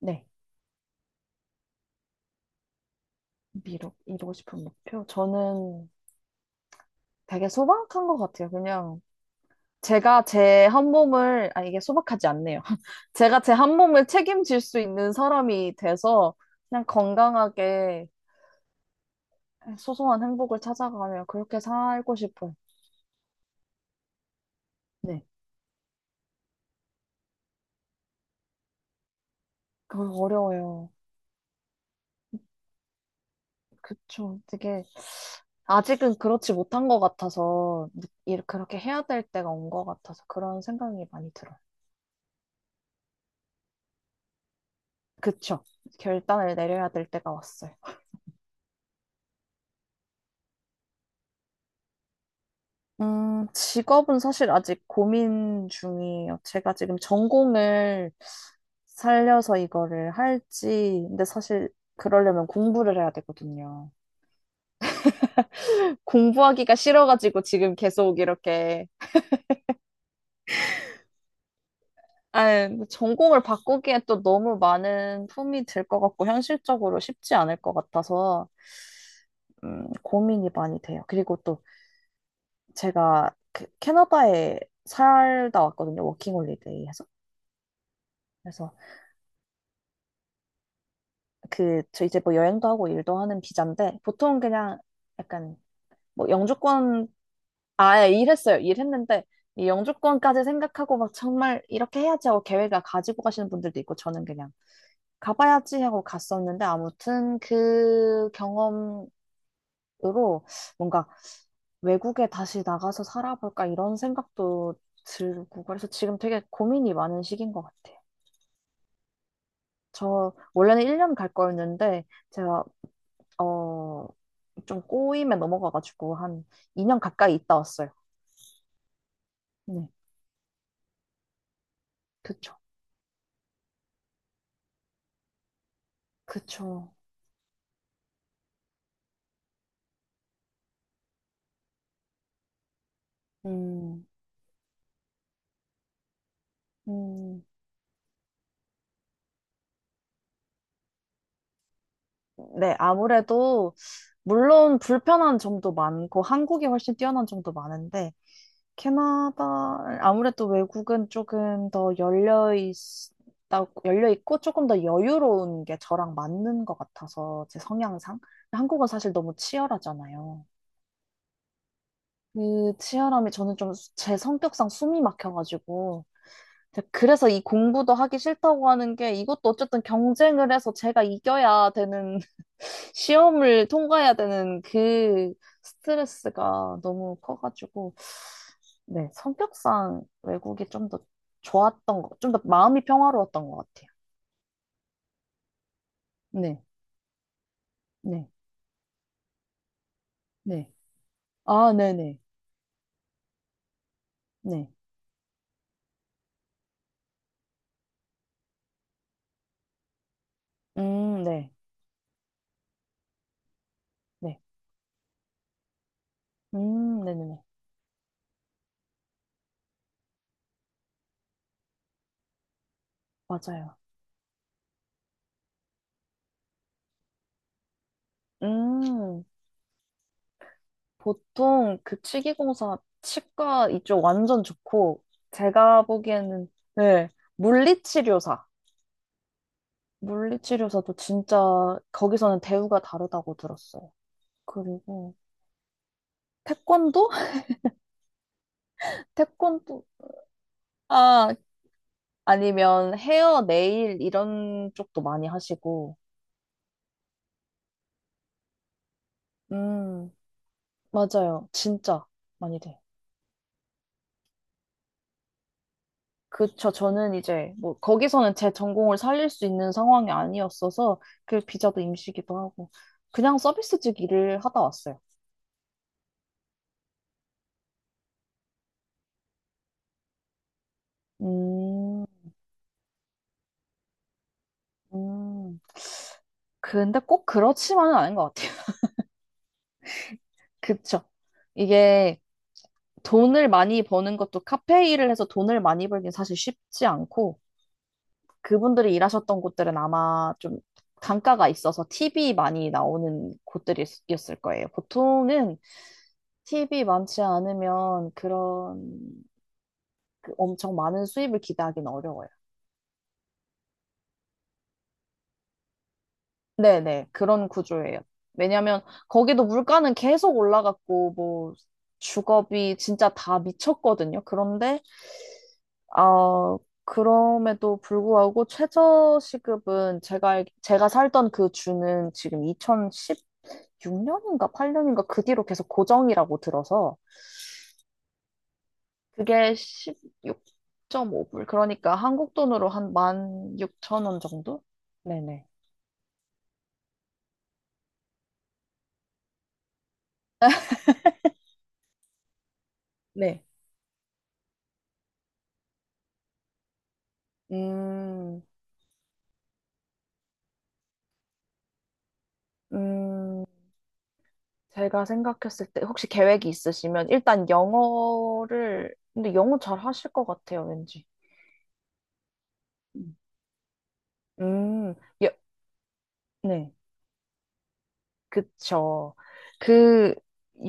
네, 미 이루고 싶은 목표. 저는 되게 소박한 것 같아요. 그냥 제가 제 한 몸을, 아, 이게 소박하지 않네요. 제가 제 한 몸을 책임질 수 있는 사람이 돼서 그냥 건강하게 소소한 행복을 찾아가며 그렇게 살고 싶어요. 네, 그거 어려워요. 그쵸. 되게 아직은 그렇지 못한 것 같아서 이렇게 그렇게 해야 될 때가 온 것 같아서 그런 생각이 많이 들어요. 그쵸. 결단을 내려야 될 때가 왔어요. 직업은 사실 아직 고민 중이에요. 제가 지금 전공을 살려서 이거를 할지, 근데 사실 그러려면 공부를 해야 되거든요. 공부하기가 싫어가지고 지금 계속 이렇게, 아, 전공을 바꾸기에 또 너무 많은 품이 들 것 같고, 현실적으로 쉽지 않을 것 같아서, 고민이 많이 돼요. 그리고 또 제가 그 캐나다에 살다 왔거든요. 워킹홀리데이 해서. 그래서 저 이제 뭐 여행도 하고 일도 하는 비자인데, 보통 그냥 약간 뭐 영주권, 아예 일했어요. 일했는데, 이 영주권까지 생각하고 막 정말 이렇게 해야지 하고 계획을 가지고 가시는 분들도 있고, 저는 그냥 가봐야지 하고 갔었는데, 아무튼 그 경험으로 뭔가 외국에 다시 나가서 살아볼까 이런 생각도 들고, 그래서 지금 되게 고민이 많은 시기인 것 같아요. 저 원래는 1년 갈 거였는데, 제가 어, 좀 꼬임에 넘어가가지고 한 2년 가까이 있다 왔어요. 네, 그쵸. 그쵸. 음, 음. 네, 아무래도, 물론 불편한 점도 많고, 한국이 훨씬 뛰어난 점도 많은데, 캐나다, 아무래도 외국은 조금 더 열려 있고, 조금 더 여유로운 게 저랑 맞는 것 같아서, 제 성향상. 한국은 사실 너무 치열하잖아요. 그 치열함이 저는 좀 제 성격상 숨이 막혀가지고, 그래서 이 공부도 하기 싫다고 하는 게 이것도 어쨌든 경쟁을 해서 제가 이겨야 되는 시험을 통과해야 되는 그 스트레스가 너무 커가지고 네, 성격상 외국이 좀 더 좋았던 거, 좀 더 마음이 평화로웠던 것 같아요. 네, 네, 네. 아, 네네, 네. 네. 네, 네. 네네네. 맞아요. 음. 보통 그 치기공사 치과 이쪽 완전 좋고 제가 보기에는 네, 물리치료사 물리치료사도 진짜 거기서는 대우가 다르다고 들었어요. 그리고 태권도? 태권도, 아 아니면 헤어 네일 이런 쪽도 많이 하시고. 음 맞아요, 진짜 많이 돼요. 그쵸. 저는 이제 뭐 거기서는 제 전공을 살릴 수 있는 상황이 아니었어서 그 비자도 임시기도 하고 그냥 서비스직 일을 하다 왔어요. 음, 음. 근데 꼭 그렇지만은 않은 것 같아요. 그쵸. 이게 돈을 많이 버는 것도 카페 일을 해서 돈을 많이 벌긴 사실 쉽지 않고 그분들이 일하셨던 곳들은 아마 좀 단가가 있어서 팁이 많이 나오는 곳들이었을 거예요. 보통은 팁이 많지 않으면 그런 그 엄청 많은 수입을 기대하기는 어려워요. 네네, 그런 구조예요. 왜냐면 거기도 물가는 계속 올라갔고, 뭐, 주거비 진짜 다 미쳤거든요. 그런데, 어, 그럼에도 불구하고 최저시급은 제가 살던 그 주는 지금 2016년인가 8년인가 그 뒤로 계속 고정이라고 들어서 그게 16.5불. 그러니까 한국 돈으로 한 16,000원 정도? 네네. 네. 음, 음, 제가 생각했을 때 혹시 계획이 있으시면 일단 영어를, 근데 영어 잘 하실 것 같아요, 왠지. 음. 음, 예, 네, 그쵸. 그,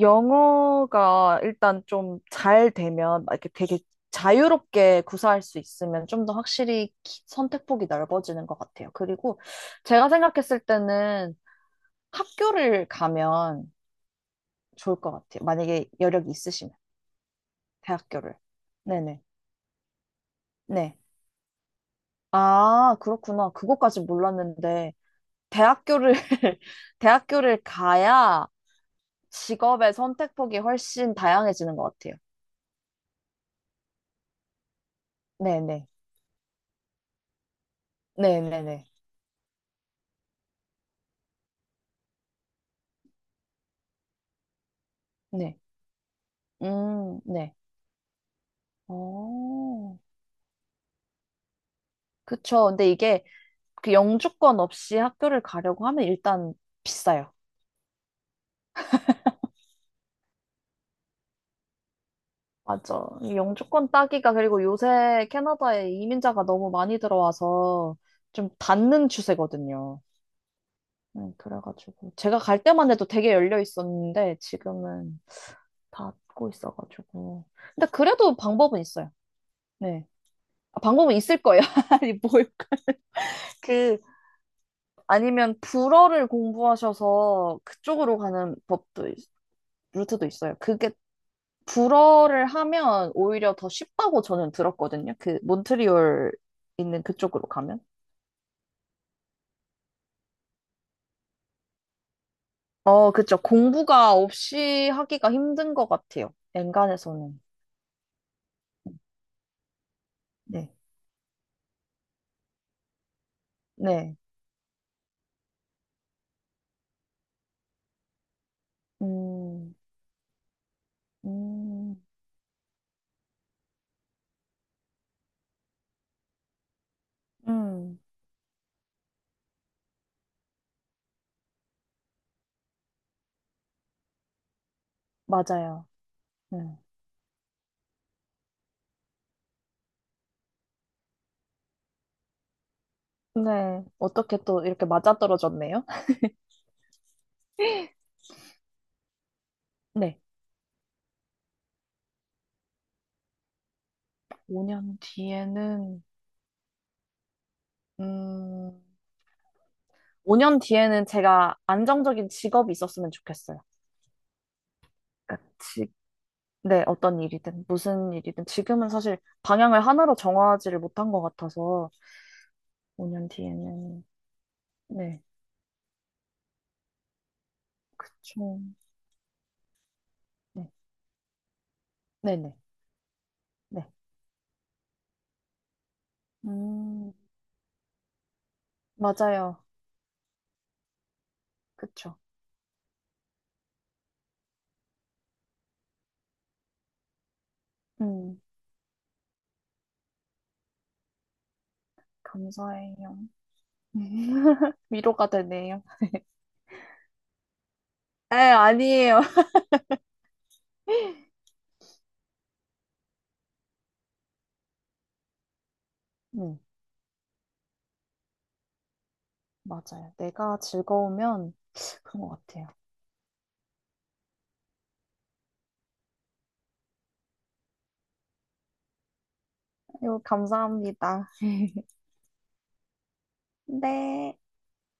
영어가 일단 좀 잘 되면, 막 이렇게 되게 자유롭게 구사할 수 있으면 좀 더 확실히 선택폭이 넓어지는 것 같아요. 그리고 제가 생각했을 때는 학교를 가면 좋을 것 같아요. 만약에 여력이 있으시면. 대학교를. 네네. 네. 아, 그렇구나. 그것까지 몰랐는데, 대학교를, 대학교를 가야 직업의 선택폭이 훨씬 다양해지는 것 같아요. 네네. 네네네. 네. 네. 어, 그쵸. 근데 이게 그 영주권 없이 학교를 가려고 하면 일단 비싸요. 맞아. 이 영주권 따기가, 그리고 요새 캐나다에 이민자가 너무 많이 들어와서 좀 닫는 추세거든요. 네, 그래가지고 제가 갈 때만 해도 되게 열려 있었는데 지금은 닫고 있어가지고 근데 그래도 방법은 있어요. 네, 아, 방법은 있을 거예요. 아니 뭘까? 그, 아니면 불어를 공부하셔서 그쪽으로 가는 법도 루트도 있어요. 그게 불어를 하면 오히려 더 쉽다고 저는 들었거든요. 그 몬트리올 있는 그쪽으로 가면. 어, 그쵸. 공부가 없이 하기가 힘든 것 같아요. 엔간에서는. 네. 네. 음. 음, 음, 맞아요. 음. 근데 어떻게 또 이렇게 맞아떨어졌네요? 네. 5년 뒤에는, 음, 5년 뒤에는 제가 안정적인 직업이 있었으면 좋겠어요. 그러니까 네, 어떤 일이든, 무슨 일이든. 지금은 사실 방향을 하나로 정하지를 못한 것 같아서, 5년 뒤에는, 네, 그쵸. 네, 네네. 네. 음, 맞아요. 그쵸. 음, 감사해요. 위로가 되네요. 에, 아니에요. 네, 맞아요. 내가 즐거우면 그런 것 같아요. 아유, 감사합니다. 네.